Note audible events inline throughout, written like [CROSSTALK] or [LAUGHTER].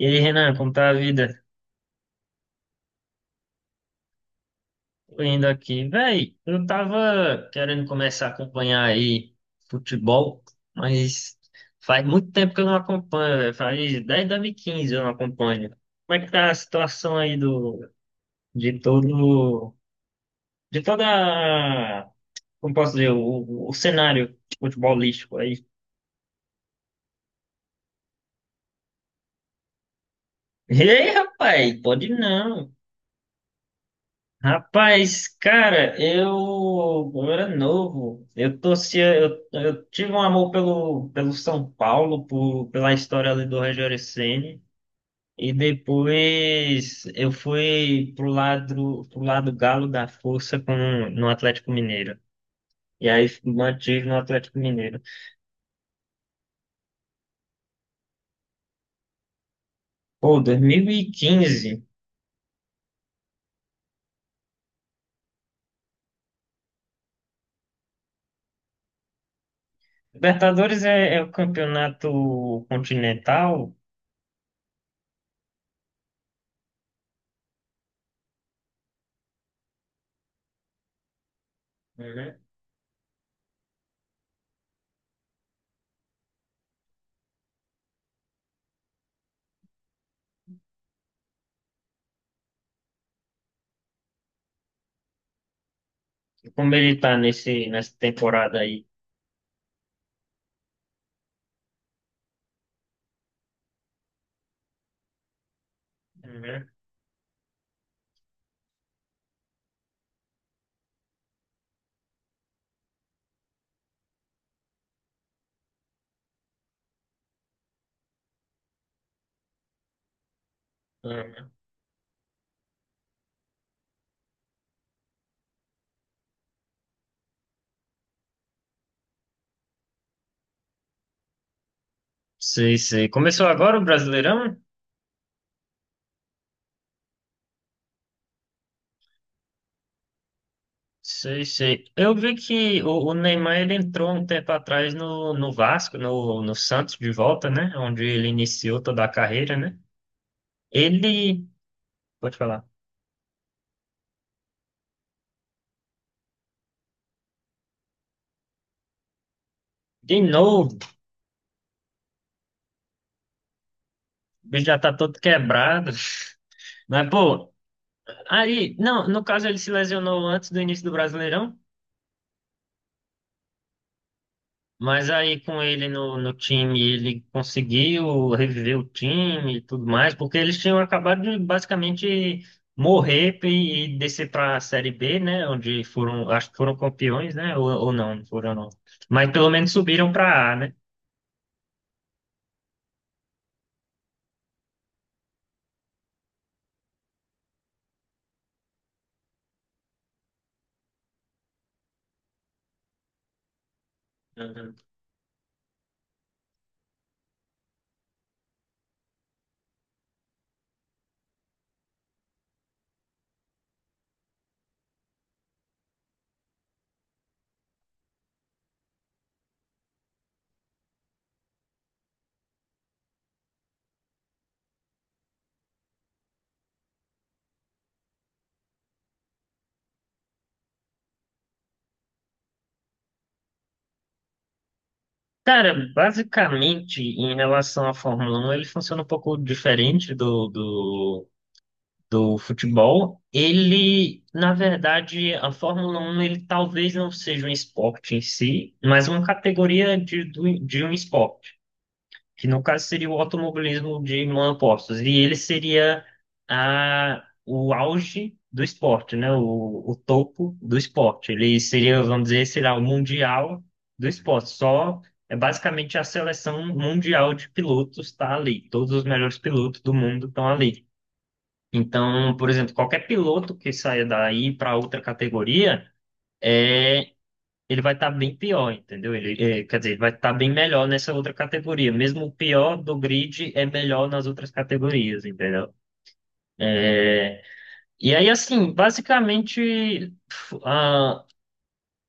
E aí, Renan, como tá a vida? Tô indo aqui. Véi, eu tava querendo começar a acompanhar aí futebol, mas faz muito tempo que eu não acompanho, véi. Faz desde 2015, eu não acompanho. Como é que tá a situação aí do, de todo, de toda, a- como posso dizer, o, o cenário futebolístico aí? [LAUGHS] Ei, rapaz, pode não. Rapaz, cara, eu era novo. Eu torcia, eu tive um amor pelo São Paulo, pela história ali do Rogério Ceni. E depois eu fui pro lado galo da força com, no Atlético Mineiro. E aí mantive no Atlético Mineiro. Pô, 2015. Libertadores é o campeonato continental. Uhum. Como ele tá nessa temporada aí? Uhum. Uhum. Sei, sei. Começou agora o Brasileirão? Sei, sei. Eu vi que o Neymar ele entrou um tempo atrás no Vasco, no Santos de volta, né? Onde ele iniciou toda a carreira, né? Ele, pode falar, de novo, o bicho já tá todo quebrado. [LAUGHS] Mas, pô, aí, não, no caso ele se lesionou antes do início do Brasileirão. Mas aí com ele no time, ele conseguiu reviver o time e tudo mais, porque eles tinham acabado de basicamente morrer e descer para a Série B, né? Onde foram, acho que foram campeões, né? Ou não, não foram não. Mas pelo menos subiram para A, né? Uhum. Cara, basicamente, em relação à Fórmula 1 ele funciona um pouco diferente do futebol, ele, na verdade, a Fórmula 1 ele talvez não seja um esporte em si, mas uma categoria de um esporte, que no caso seria o automobilismo de monopostos, e ele seria o auge do esporte, né? O topo do esporte. Ele seria, vamos dizer, sei lá, o mundial do esporte. Só... É basicamente a seleção mundial de pilotos está ali. Todos os melhores pilotos do mundo estão ali. Então, por exemplo, qualquer piloto que saia daí para outra categoria, é, ele vai estar bem pior, entendeu? Ele, é, quer dizer, ele vai estar bem melhor nessa outra categoria. Mesmo o pior do grid é melhor nas outras categorias, entendeu? E aí, assim, basicamente, f- ah,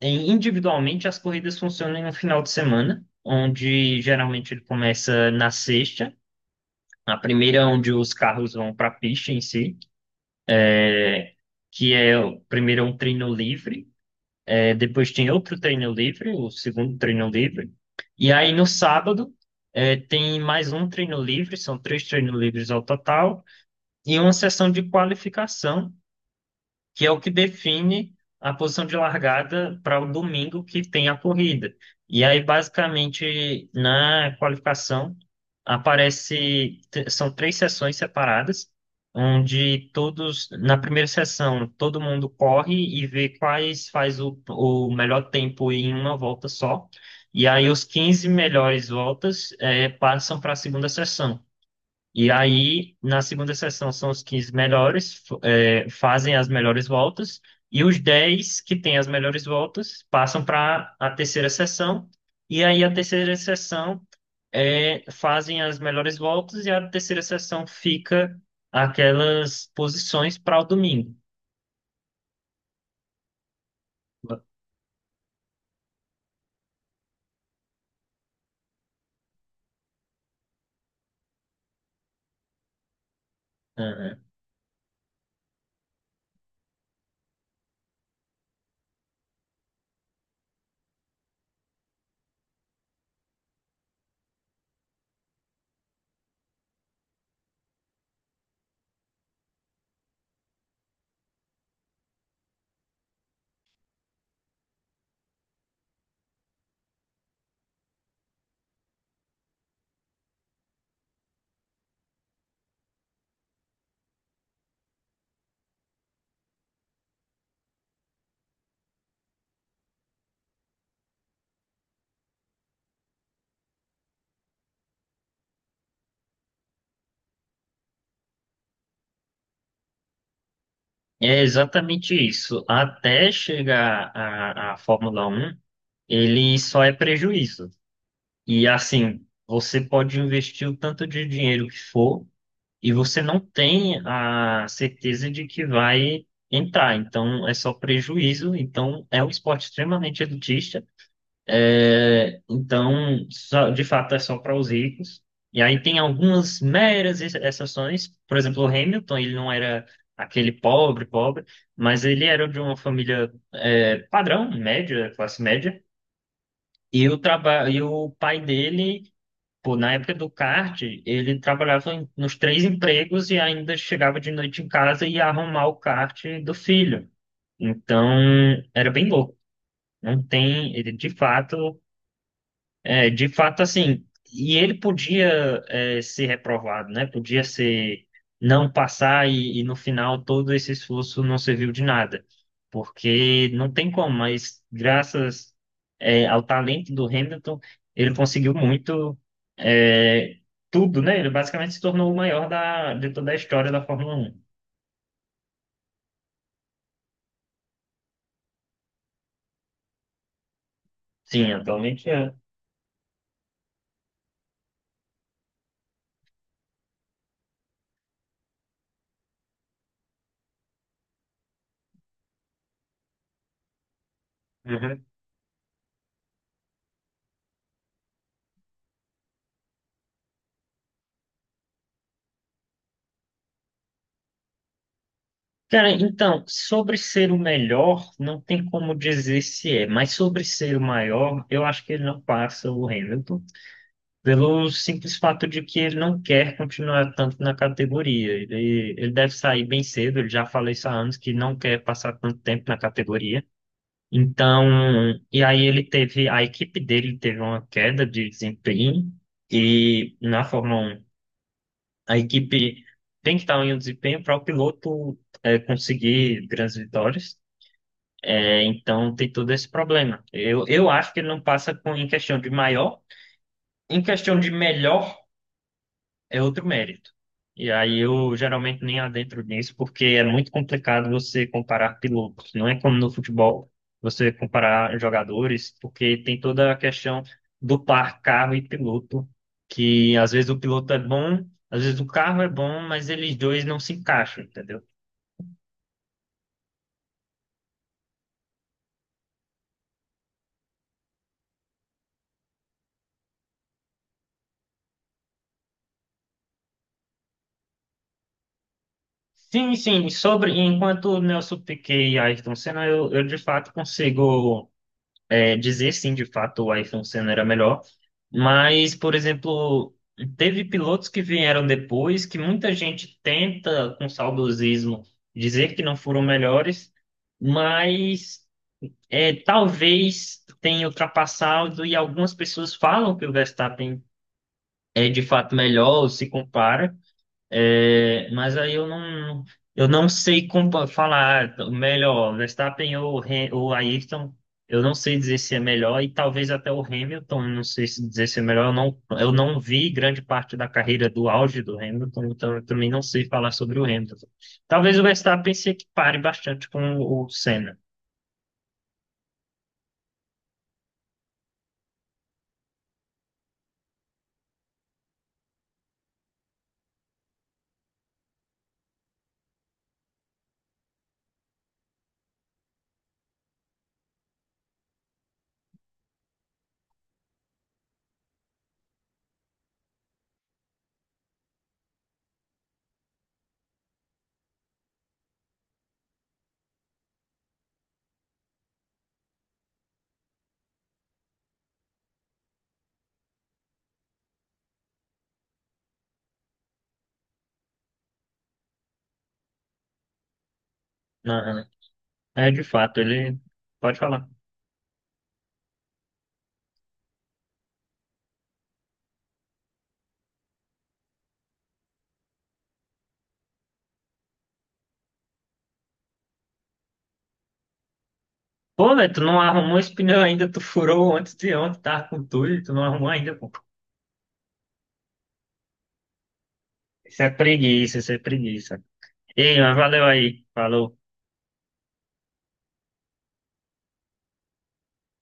em- individualmente, as corridas funcionam no final de semana, onde geralmente ele começa na sexta. A primeira é onde os carros vão para a pista em si, que é o primeiro é um treino livre. É, depois tem outro treino livre, o segundo treino livre. E aí no sábado é, tem mais um treino livre, são três treinos livres ao total, e uma sessão de qualificação que é o que define a posição de largada para o domingo que tem a corrida. E aí, basicamente, na qualificação, aparece, são três sessões separadas, onde todos, na primeira sessão, todo mundo corre e vê quais faz o melhor tempo em uma volta só. E aí, os 15 melhores voltas passam para a segunda sessão. E aí, na segunda sessão, são os 15 melhores, fazem as melhores voltas, e os 10 que têm as melhores voltas passam para a terceira sessão, e aí a terceira sessão é, fazem as melhores voltas, e a terceira sessão fica aquelas posições para o domingo. Aham. É exatamente isso. Até chegar à Fórmula 1, ele só é prejuízo. E assim, você pode investir o tanto de dinheiro que for e você não tem a certeza de que vai entrar. Então, é só prejuízo. Então, é um esporte extremamente elitista. É, então, de fato, é só para os ricos. E aí tem algumas meras exceções. Por exemplo, o Hamilton, ele não era aquele pobre, pobre, mas ele era de uma família, é, padrão, média, classe média. E o trabalho, e o pai dele. Pô, na época do kart, ele trabalhava nos três empregos e ainda chegava de noite em casa e ia arrumar o kart do filho. Então, era bem louco. Não tem, ele de fato é, de fato, assim, e ele podia é, ser reprovado, né? Podia ser não passar e no final todo esse esforço não serviu de nada, porque não tem como, mas graças é, ao talento do Hamilton, ele conseguiu muito, é, tudo, né? Ele basicamente se tornou o maior da, de toda a história da Fórmula Um. Sim, atualmente é. Uhum. Cara, então, sobre ser o melhor, não tem como dizer se é, mas sobre ser o maior, eu acho que ele não passa o Hamilton, pelo simples fato de que ele não quer continuar tanto na categoria. Ele deve sair bem cedo, ele já falou isso há anos, que não quer passar tanto tempo na categoria. Então, e aí ele teve, a equipe dele teve uma queda de desempenho, e na Fórmula 1, a equipe tem que estar em um desempenho para o piloto conseguir grandes vitórias. É, então tem todo esse problema. Eu acho que ele não passa com, em questão de maior, em questão de melhor é outro mérito. E aí eu geralmente nem adentro nisso, porque é muito complicado você comparar pilotos. Não é como no futebol, você comparar jogadores, porque tem toda a questão do par carro e piloto, que às vezes o piloto é bom, às vezes o carro é bom, mas eles dois não se encaixam, entendeu? Sim, sim, sobre enquanto o Nelson Piquet e Ayrton Senna, eu de fato consigo é, dizer sim, de fato o Ayrton Senna era melhor, mas, por exemplo, teve pilotos que vieram depois que muita gente tenta, com saudosismo, dizer que não foram melhores, mas é, talvez tenha ultrapassado e algumas pessoas falam que o Verstappen é de fato melhor, ou se compara. É, mas aí eu não sei como falar melhor, Verstappen ou ou Ayrton, eu não sei dizer se é melhor, e talvez até o Hamilton, eu não sei se dizer se é melhor, eu não vi grande parte da carreira do auge do Hamilton, então eu também não sei falar sobre o Hamilton. Talvez o Verstappen se equipare bastante com o Senna. Aham. É, de fato, ele pode falar. Pô, velho, tu não arrumou esse pneu ainda, tu furou antes de ontem, tá com tudo, e tu não arrumou ainda, pô. Isso é preguiça, isso é preguiça. Ei, mas valeu aí. Falou.